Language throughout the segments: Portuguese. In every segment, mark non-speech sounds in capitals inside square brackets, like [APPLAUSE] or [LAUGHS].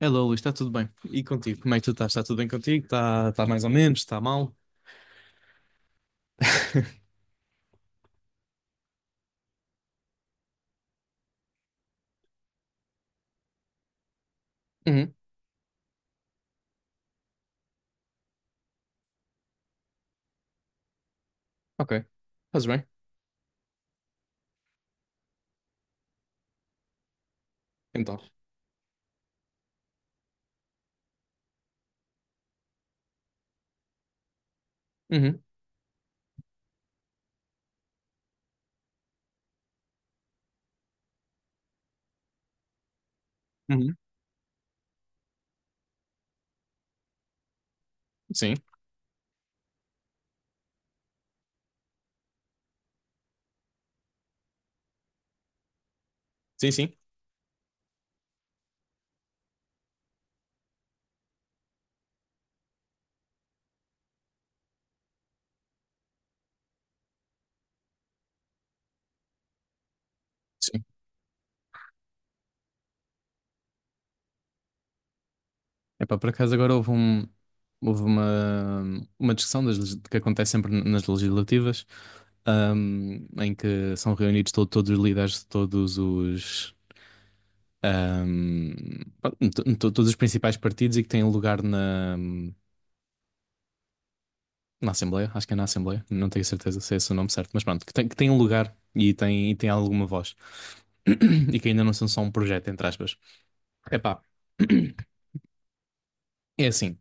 Hello, Luís, está tudo bem? E contigo? Como é que tu estás? Está tudo bem contigo? Está mais ou menos? Está mal? [LAUGHS] Uhum, ok. Fazes bem? Então. Uhum, uhum. Sim, sim, sim. Sim. Epá, por acaso agora houve uma discussão que acontece sempre nas legislativas, em que são reunidos todos os líderes de todos os, pronto, todos os principais partidos e que têm lugar na Assembleia, acho que é na Assembleia, não tenho certeza se é esse o nome certo, mas pronto, que tem um lugar e tem alguma voz. [CLEARS THROAT] E que ainda não são só um projeto, entre aspas. Epá, [CLEARS THROAT] é assim.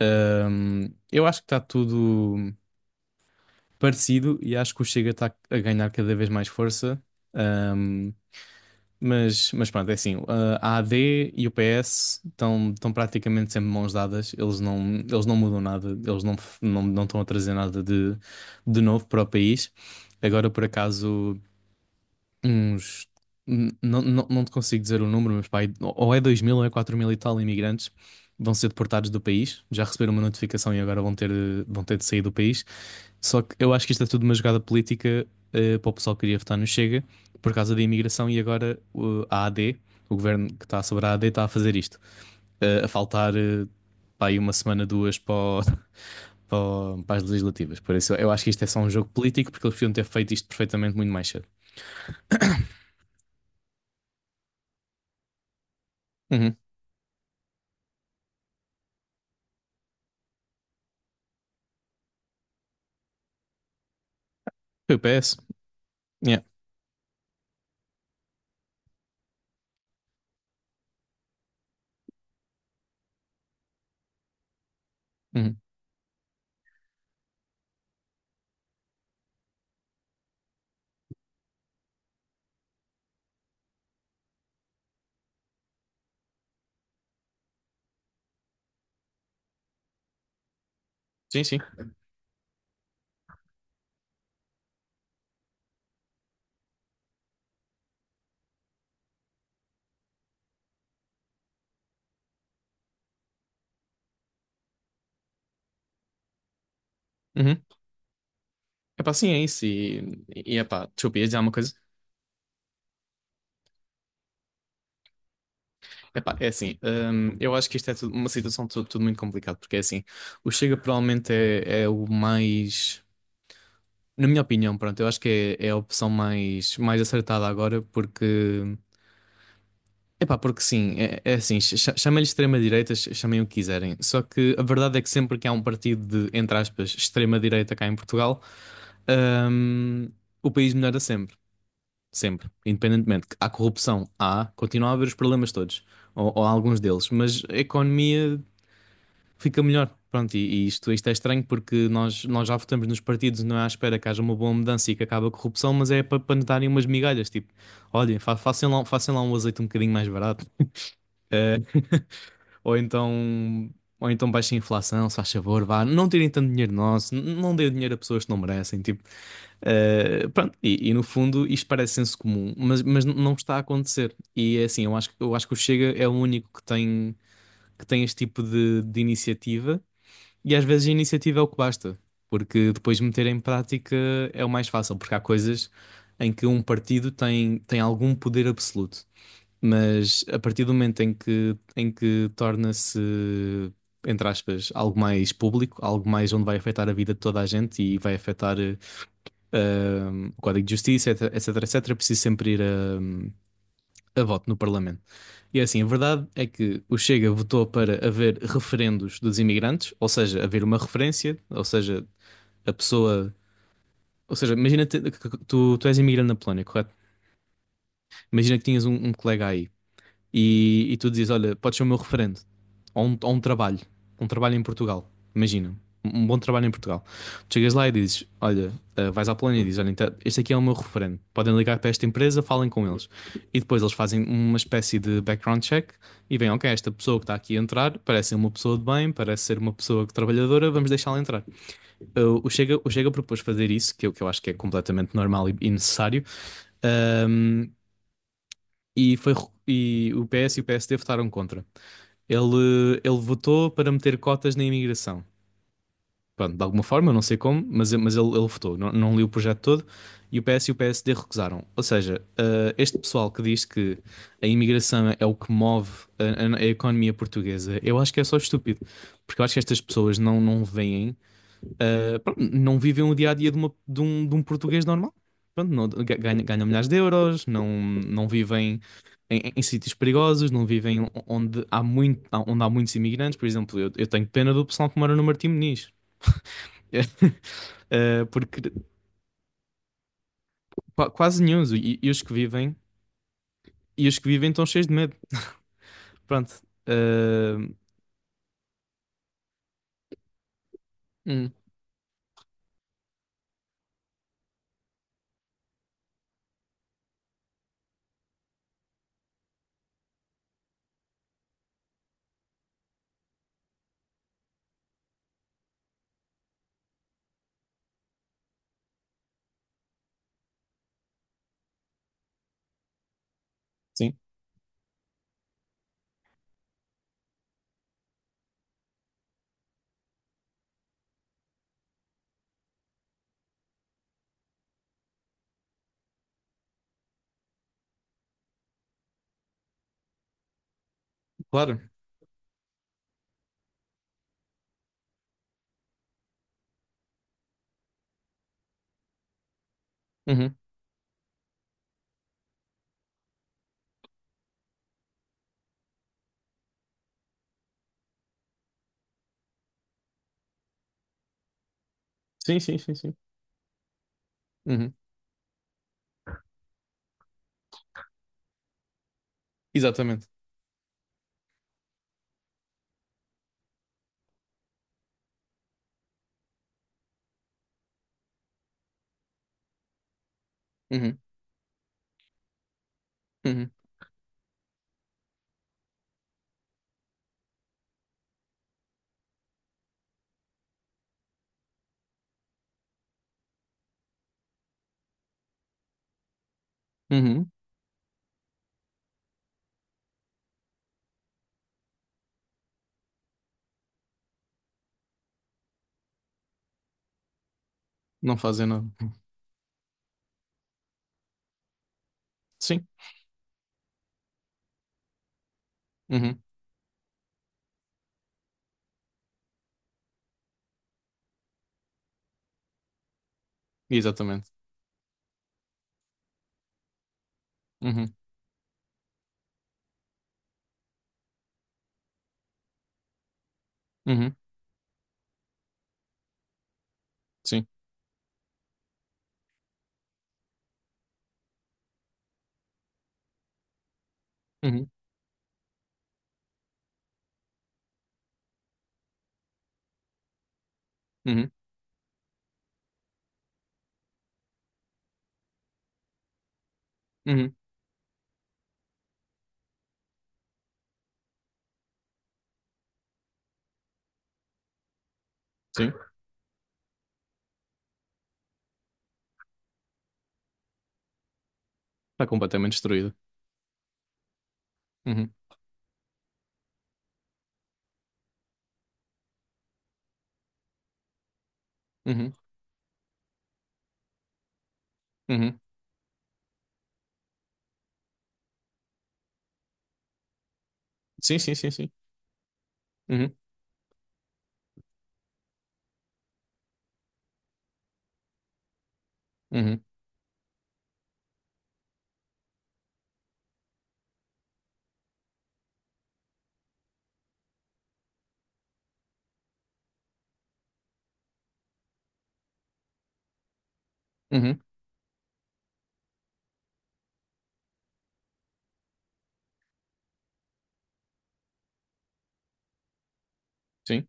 Eu acho que está tudo parecido e acho que o Chega está a ganhar cada vez mais força. Hum, mas, pronto, é assim, a AD e o PS estão praticamente sempre mãos dadas, eles não mudam nada, eles não estão a trazer nada de novo para o país. Agora, por acaso, uns. N- Não, não, não te consigo dizer o número, mas pá, ou é 2.000 ou é 4.000 e tal imigrantes vão ser deportados do país. Já receberam uma notificação e agora vão ter de sair do país. Só que eu acho que isto é tudo uma jogada política, para o pessoal que queria votar no Chega por causa da imigração e agora a AD, o governo que está sobre a AD, está a fazer isto. A faltar, pá, aí uma semana, duas [LAUGHS] para as legislativas. Por isso eu acho que isto é só um jogo político porque eles podiam ter feito isto perfeitamente muito mais cedo. Uhum. Two PS? Yeah. Uhum. Sim, sim. Uhum. Epá, sim, é isso. E, epá, desculpa, ia dizer uma coisa. Epá, é assim, eu acho que isto é uma situação tudo muito complicada, porque é assim, o Chega provavelmente é o mais, na minha opinião, pronto, eu acho que é a opção mais acertada agora, porque, epá, porque sim, é assim, chamem-lhe extrema-direita, chamem o que quiserem, só que a verdade é que sempre que há um partido de, entre aspas, extrema-direita cá em Portugal, hum, o país melhora sempre. Sempre, independentemente. Há corrupção, continua a haver os problemas todos, ou alguns deles, mas a economia fica melhor. Pronto, e isto é estranho porque nós já votamos nos partidos, não é à espera que haja uma boa mudança e que acabe a corrupção, mas é para nos darem umas migalhas, tipo, olhem, façam lá um azeite um bocadinho mais barato, ou então, ou então baixem a inflação, se faz favor, vá, não tirem tanto dinheiro nosso, não deem dinheiro a pessoas que não merecem, tipo, pronto, e no fundo isto parece senso comum, mas não está a acontecer. E é assim, eu acho que o Chega é o único que tem este tipo de iniciativa, e às vezes a iniciativa é o que basta, porque depois meter em prática é o mais fácil, porque há coisas em que um partido tem, tem algum poder absoluto, mas a partir do momento em que torna-se, entre aspas, algo mais público, algo mais onde vai afetar a vida de toda a gente e vai afetar. O Código de Justiça, etc, etc, etc, preciso sempre ir a voto no Parlamento. E é assim, a verdade é que o Chega votou para haver referendos dos imigrantes, ou seja, haver uma referência, ou seja, a pessoa. Ou seja, que tu és imigrante na Polónia, correto? Imagina que tinhas um colega aí, e tu dizes: Olha, podes ser o meu referente ou um trabalho, um trabalho em Portugal. Imagina, um bom trabalho em Portugal. Tu chegas lá e dizes: Olha, vais à Polónia e dizes: Olha, então, este aqui é o meu referente. Podem ligar para esta empresa, falem com eles. E depois eles fazem uma espécie de background check e veem: Ok, esta pessoa que está aqui a entrar parece ser uma pessoa de bem, parece ser uma pessoa trabalhadora, vamos deixá-la entrar. O Chega propôs fazer isso, que eu acho que é completamente normal e necessário, ahm, e, foi, e o PS e o PSD votaram contra. Ele votou para meter cotas na imigração. Pronto, de alguma forma, não sei como, mas ele votou. Não, não li o projeto todo e o PS e o PSD recusaram. Ou seja, este pessoal que diz que a imigração é o que move a economia portuguesa, eu acho que é só estúpido. Porque eu acho que estas pessoas não veem pronto, não vivem o dia a dia de um português normal. Pronto, ganham milhares de euros, não vivem em sítios perigosos, não vivem onde há muitos imigrantes. Por exemplo, eu tenho pena do pessoal que mora no Martim Moniz, [LAUGHS] porque quase nenhum, e os que vivem estão cheios de medo. [LAUGHS] Pronto, Uh, hum, sim, claro. Uhum. Sim, sim, sim, sim. Uhum. Exatamente. Uhum. Uhum. Uhum. Não fazem nada. Sim. Uhum. Exatamente. Uhum, uhum, sim. Uhum, uhum, uhum, sim. Está completamente destruída. Uhum, uhum, uhum. Sim, sim, sim, sim. Uhum, uhum, uhum, sim.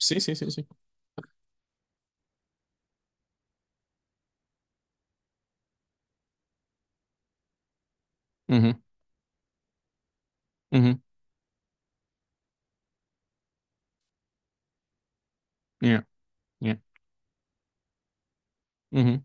Sim, sim, sim, sim. Uhum, uhum, yeah, yeah. Uhum,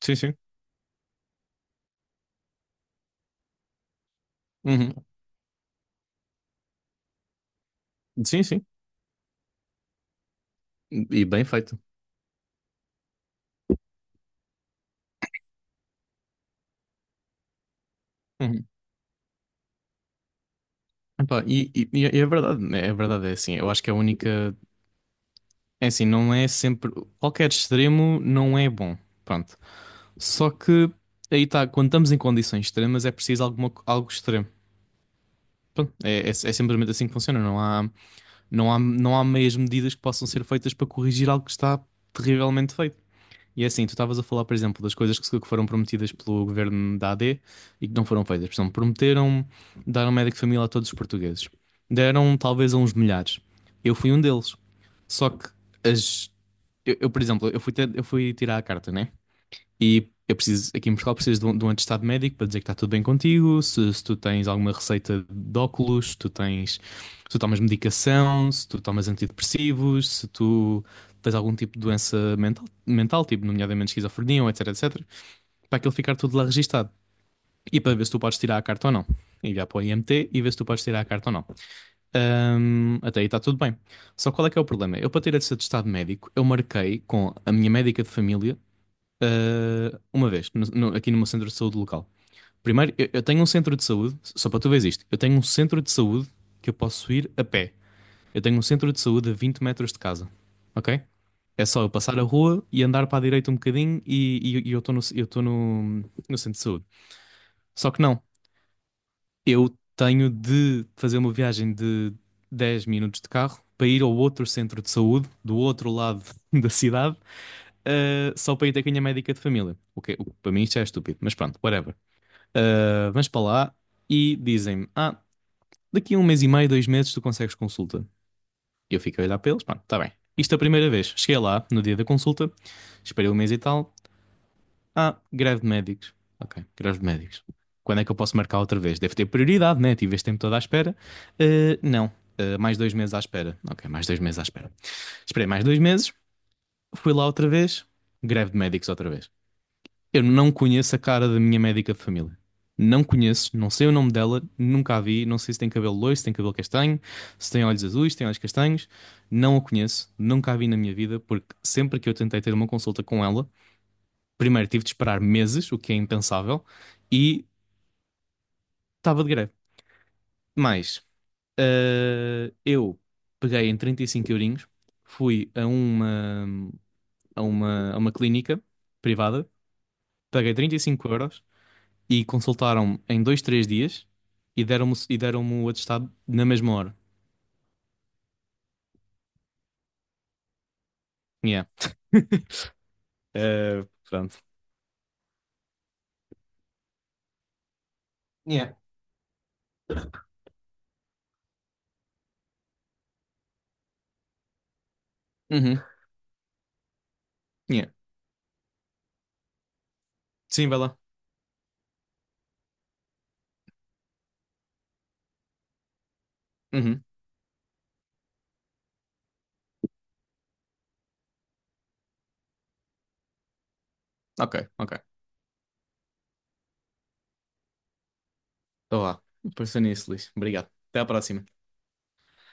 sim, sim. Uhum, sim, sim. E bem feito. Uhum. Epá, e é verdade, né? É verdade, é assim. Eu acho que a única. É assim, não é sempre. Qualquer extremo não é bom. Pronto. Só que aí está, quando estamos em condições extremas, é preciso algo extremo. Pronto, é simplesmente assim que funciona. Não há meias medidas que possam ser feitas para corrigir algo que está terrivelmente feito. E é assim, tu estavas a falar, por exemplo, das coisas que, se- que foram prometidas pelo governo da AD e que não foram feitas. Por exemplo, prometeram dar um médico de família a todos os portugueses. Deram talvez a uns milhares. Eu fui um deles. Só que as. Eu, por exemplo, eu fui tirar a carta, né? E eu preciso, aqui em Portugal, precisas de um, atestado médico para dizer que está tudo bem contigo, se tu tens alguma receita de óculos, se tu tomas medicação, se tu tomas antidepressivos, se tu tens algum tipo de doença mental, tipo nomeadamente esquizofrenia, ou etc, etc, para aquilo ficar tudo lá registado e para ver se tu podes tirar a carta ou não. Enviar para o IMT e ver se tu podes tirar a carta ou não. Até aí está tudo bem. Só qual é que é o problema? Eu, para ter esse atestado médico, eu marquei com a minha médica de família uma vez, aqui no meu centro de saúde local. Primeiro, eu tenho um centro de saúde, só para tu veres isto, eu tenho um centro de saúde que eu posso ir a pé. Eu tenho um centro de saúde a 20 metros de casa, ok? É só eu passar a rua e andar para a direita um bocadinho e eu estou no centro de saúde. Só que não, eu tenho de fazer uma viagem de 10 minutos de carro para ir ao outro centro de saúde, do outro lado [LAUGHS] da cidade, só para ir ter com a minha médica de família. O que para mim isto já é estúpido, mas pronto, whatever. Vamos para lá e dizem-me: Daqui a um mês e meio, 2 meses, tu consegues consulta. Eu fico a olhar para eles, pronto, está bem. Isto é a primeira vez. Cheguei lá no dia da consulta, esperei um mês e tal. Greve de médicos. Ok, greve de médicos. Quando é que eu posso marcar outra vez? Deve ter prioridade, né? Tive este tempo todo à espera. Ah, não, mais 2 meses à espera. Ok, mais 2 meses à espera. Esperei mais 2 meses, fui lá outra vez, greve de médicos outra vez. Eu não conheço a cara da minha médica de família. Não conheço, não sei o nome dela, nunca a vi, não sei se tem cabelo loiro, se tem cabelo castanho, se tem olhos azuis, se tem olhos castanhos. Não a conheço, nunca a vi na minha vida, porque sempre que eu tentei ter uma consulta com ela, primeiro tive de esperar meses, o que é impensável, e estava de greve. Mas eu peguei em 35 eurinhos, fui a uma, a uma clínica privada, paguei 35 euros e consultaram-me em 2, 3 dias e deram-me o atestado na mesma hora. Yeah. [LAUGHS] Eh, pronto. Yeah. Uhum. Yeah. Sim, vai lá. Uhum. Ok, ok. Então lá. Pensei nisso, Luís. Obrigado. Até à próxima.